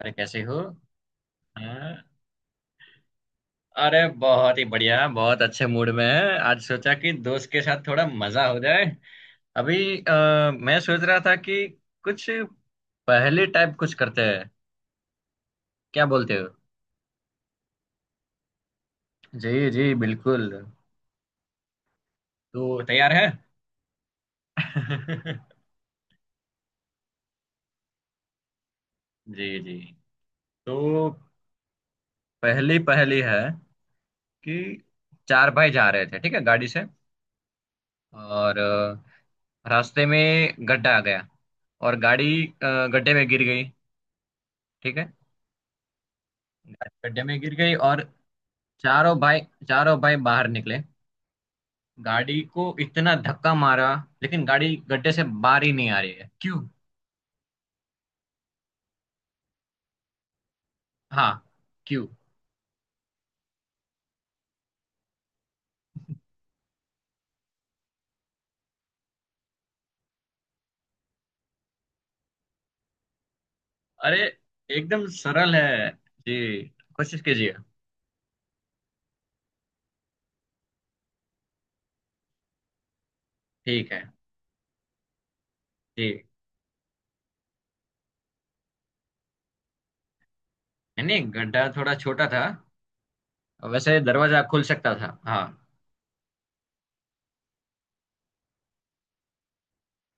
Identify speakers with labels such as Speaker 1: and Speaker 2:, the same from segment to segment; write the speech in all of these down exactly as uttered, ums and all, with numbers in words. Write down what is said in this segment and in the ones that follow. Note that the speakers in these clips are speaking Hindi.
Speaker 1: अरे कैसे हो। हाँ। अरे बहुत ही बढ़िया बहुत अच्छे मूड में है। आज सोचा कि दोस्त के साथ थोड़ा मजा हो जाए। अभी अ, मैं सोच रहा था कि कुछ पहेली टाइप कुछ करते हैं। क्या बोलते हो। जी जी बिल्कुल। तो तैयार है। जी जी। तो पहली पहली है कि चार भाई जा रहे थे ठीक है गाड़ी से। और अ, रास्ते में गड्ढा आ गया। और गाड़ी अ, गड्ढे में गिर गई। ठीक है। गाड़ी गड्ढे में गिर गई और चारों भाई चारों भाई बाहर निकले। गाड़ी को इतना धक्का मारा लेकिन गाड़ी गड्ढे से बाहर ही नहीं आ रही है। क्यों। हाँ क्यों। अरे एकदम सरल है। जी कोशिश कीजिए। ठीक है जी। नहीं नहीं, गड्ढा थोड़ा छोटा था। वैसे दरवाजा खुल सकता था हाँ।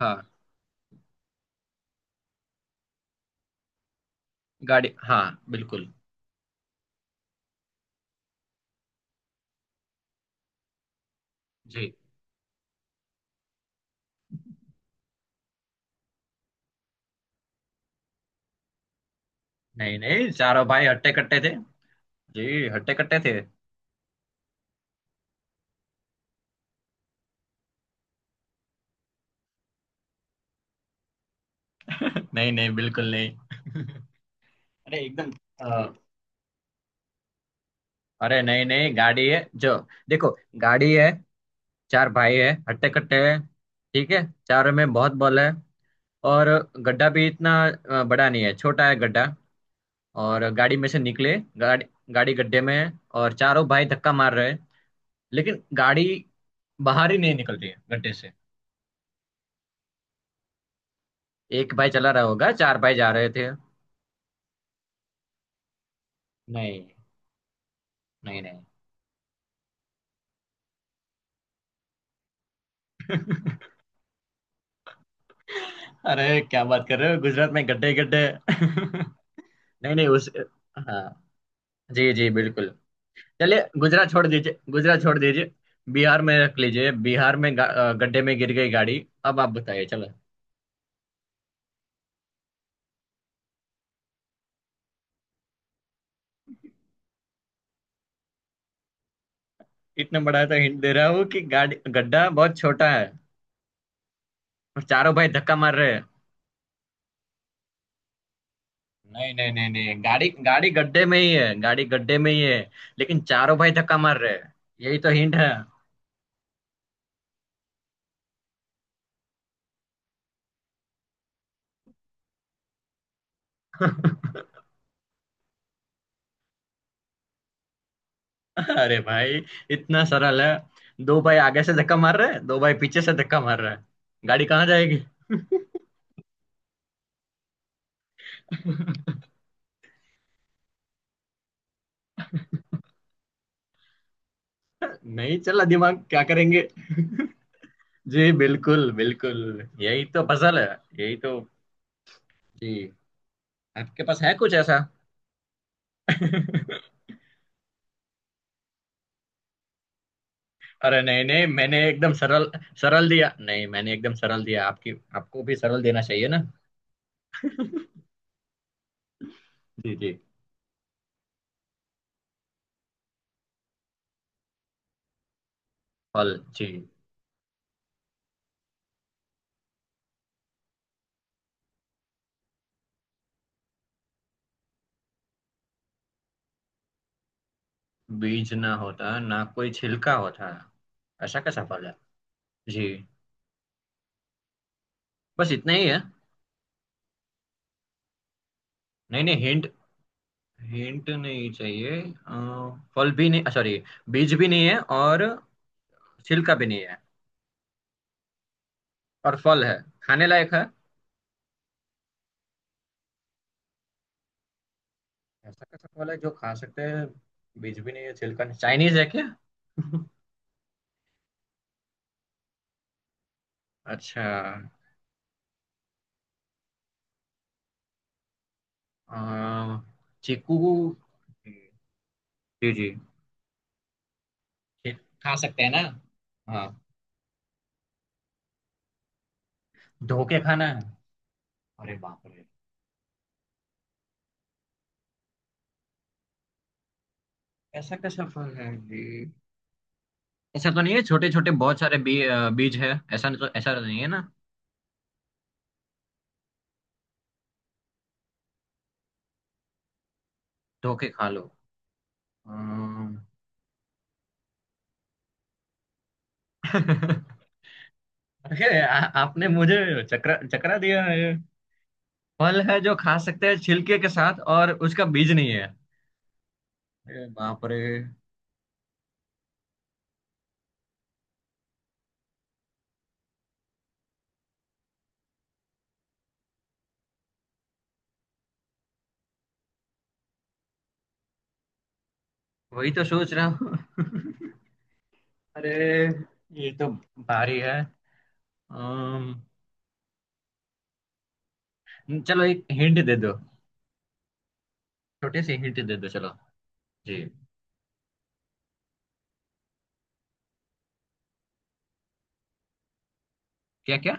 Speaker 1: हाँ गाड़ी हाँ बिल्कुल जी। नहीं नहीं चारों भाई हट्टे कट्टे थे। जी हट्टे कट्टे थे। नहीं नहीं बिल्कुल नहीं। अरे एकदम। अरे नहीं नहीं गाड़ी है जो। देखो गाड़ी है। चार भाई है हट्टे कट्टे है। ठीक है। चारों में बहुत बल है। और गड्ढा भी इतना अ, बड़ा नहीं है छोटा है गड्ढा। और गाड़ी में से निकले गाड़ी। गाड़ी गड्ढे में है और चारों भाई धक्का मार रहे हैं। लेकिन गाड़ी बाहर ही नहीं निकल रही है गड्ढे से। एक भाई चला रहा होगा चार भाई जा रहे थे। नहीं नहीं नहीं। अरे क्या बात कर रहे हो गुजरात में गड्ढे गड्ढे। नहीं नहीं उस हाँ। जी जी बिल्कुल। चलिए गुजरात छोड़ दीजिए गुजरात छोड़ दीजिए। बिहार में रख लीजिए। बिहार में गा- अ, गड्ढे में गिर गई गाड़ी। अब आप बताइए चलो। इतना बड़ा तो हिंट दे रहा हूँ कि गाड़ी गड्ढा बहुत छोटा है और चारों भाई धक्का मार रहे हैं। नहीं नहीं नहीं नहीं गाड़ी गाड़ी गड्ढे में ही है। गाड़ी गड्ढे में ही है लेकिन चारों भाई धक्का मार रहे हैं। यही तो हिंट है। अरे भाई इतना सरल है। दो भाई आगे से धक्का मार रहे हैं दो भाई पीछे से धक्का मार रहे हैं। गाड़ी कहाँ जाएगी। नहीं चला दिमाग क्या करेंगे। जी बिल्कुल बिल्कुल। यही तो पजल है। यही तो जी। आपके पास है कुछ ऐसा। अरे नहीं नहीं मैंने एकदम सरल। सरल दिया नहीं मैंने एकदम सरल दिया। आपकी आपको भी सरल देना चाहिए ना। जी जी। फल जी। बीज ना होता ना कोई छिलका होता। ऐसा कैसा फल है जी। बस इतना ही है। नहीं नहीं हिंट हिंट नहीं चाहिए अ, फल भी नहीं सॉरी। बीज भी नहीं है और छिलका भी नहीं है। और फल है खाने लायक है। ऐसा कैसा सवाल है जो खा सकते हैं। बीज भी नहीं है छिलका नहीं। चाइनीज है क्या। अच्छा। अम, चीकू। जी जी। ठीक, खा सकते हैं ना। हाँ धो के खाना है। अरे बाप रे। ऐसा कैसा फल है जी। ऐसा तो नहीं है छोटे छोटे बहुत सारे बी, अ, बीज है ऐसा नहीं। तो ऐसा तो नहीं है ना। धो के खा लो। अम, अरे आ, आपने मुझे चकरा चकरा दिया है। फल है जो खा सकते हैं छिलके के साथ और उसका बीज नहीं है। अरे बाप रे। वही तो सोच रहा हूँ। अरे ये तो भारी है। अम्म, चलो एक हिंट दे दो। छोटी सी हिंट दे दो चलो। जी क्या क्या।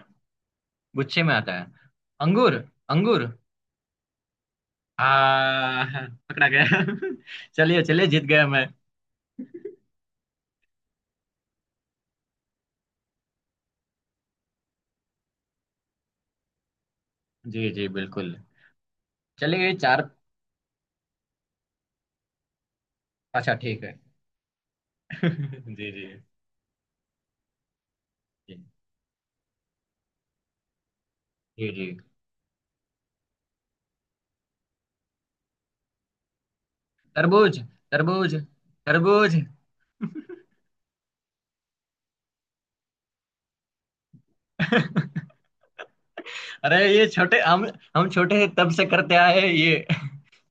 Speaker 1: गुच्छे में आता है। अंगूर अंगूर। आ पकड़ा गया। चलिए चलिए जीत गया मैं। जी जी बिल्कुल। चलिए चार अच्छा ठीक है। जी जी। जी जी जी। तरबूज तरबूज तरबूज। अरे ये छोटे हम। हम छोटे हैं तब से करते आए हैं ये।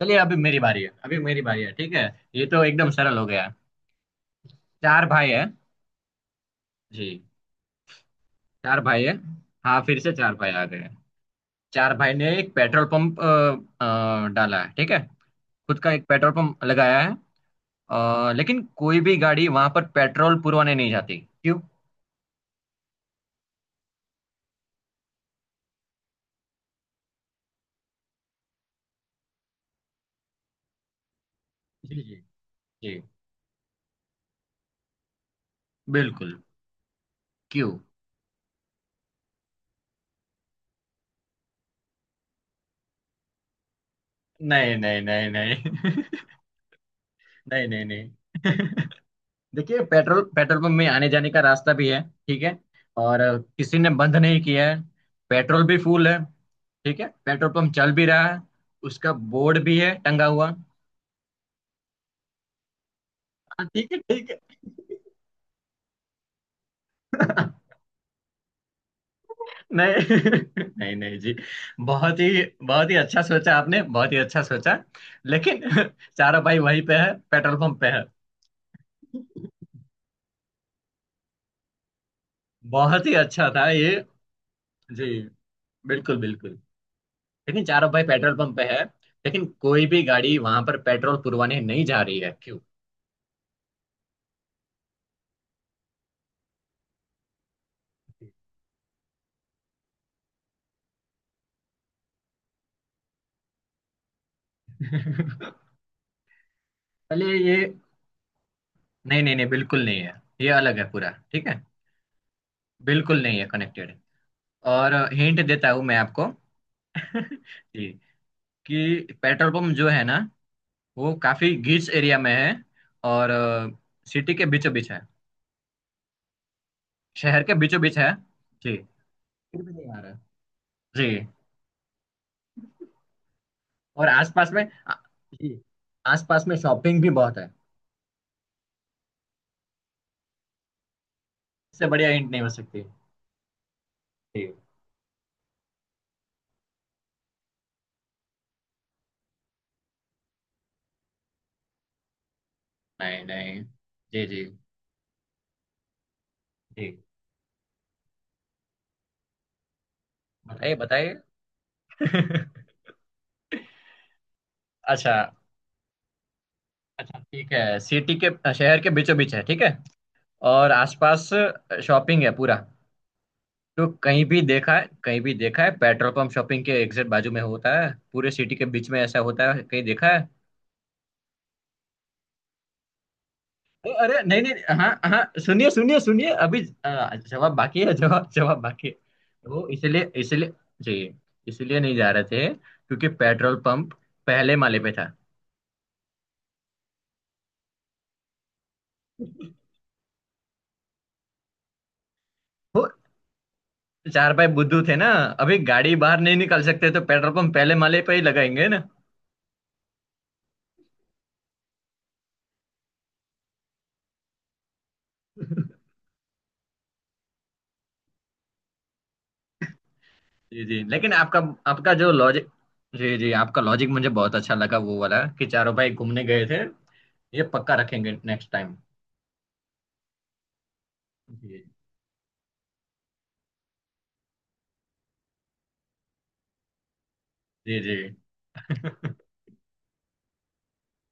Speaker 1: चलिए अभी मेरी बारी है अभी मेरी बारी है। ठीक है। ये तो एकदम सरल हो गया। चार भाई है। जी। चार भाई है। हाँ फिर से चार भाई आ गए हैं। चार भाई ने एक पेट्रोल पंप अ, अ, डाला है। ठीक है। खुद का एक पेट्रोल पंप लगाया है। अ, लेकिन कोई भी गाड़ी वहां पर पेट्रोल पुरवाने नहीं जाती। क्यों। जी जी जी बिल्कुल। क्यों। नहीं नहीं नहीं नहीं। नहीं नहीं नहीं। देखिए पेट्रोल पेट्रोल पंप में आने जाने का रास्ता भी है। ठीक है। और अ, किसी ने बंद नहीं किया है। पेट्रोल भी फुल है। ठीक है पेट्रोल पंप चल भी रहा है। उसका बोर्ड भी है टंगा हुआ। हाँ, ठीक है ठीक है। नहीं। नहीं नहीं जी। बहुत ही बहुत ही अच्छा सोचा आपने। बहुत ही अच्छा सोचा। लेकिन चारा भाई वहीं पे है पेट्रोल पंप पे है। बहुत ही अच्छा था ये। जी बिल्कुल बिल्कुल। लेकिन चारों भाई पेट्रोल पंप पे है। लेकिन कोई भी गाड़ी वहां पर पेट्रोल पुरवाने नहीं जा रही है। क्यों। पहले ये। नहीं नहीं नहीं बिल्कुल नहीं है। ये अलग है पूरा। ठीक है। बिल्कुल नहीं है कनेक्टेड। और हिंट देता हूँ मैं आपको। जी। कि पेट्रोल पंप जो है ना वो काफी गिच एरिया में है। और सिटी के बीचों बीच है। शहर के बीचों बीच है। जी। फिर भी नहीं आ रहा। जी। और आसपास में आ-। जी। आसपास में शॉपिंग भी बहुत है। इससे बढ़िया हिंट नहीं हो सकती। जी। नहीं नहीं। जी जी ठीक। बताइए बताइए। अच्छा। अच्छा ठीक है। सिटी के शहर के बीचों बीच है ठीक है और आसपास शॉपिंग है पूरा। तो कहीं भी देखा है कहीं भी देखा है पेट्रोल पंप शॉपिंग के एग्जैक्ट बाजू में होता है। पूरे सिटी के बीच में ऐसा होता है कहीं देखा है। अरे अरे, नहीं नहीं हाँ हाँ सुनिए सुनिए सुनिए अभी अ, जवाब बाकी है। जवाब जवाब बाकी है। वो इसलिए इसलिए जी इसलिए नहीं जा रहे थे क्योंकि पेट्रोल पंप पहले माले पे था। वो चार भाई बुद्धू थे ना। अभी गाड़ी बाहर नहीं निकाल सकते तो पेट्रोल पंप पहले माले पे ही लगाएंगे ना। जी जी लेकिन आपका आपका जो लॉजिक। जी जी आपका लॉजिक मुझे बहुत अच्छा लगा वो वाला कि चारों भाई घूमने गए थे। ये पक्का रखेंगे नेक्स्ट टाइम। जी जी जी।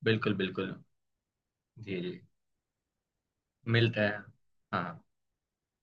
Speaker 1: बिल्कुल बिल्कुल। जी जी। मिलता है। हाँ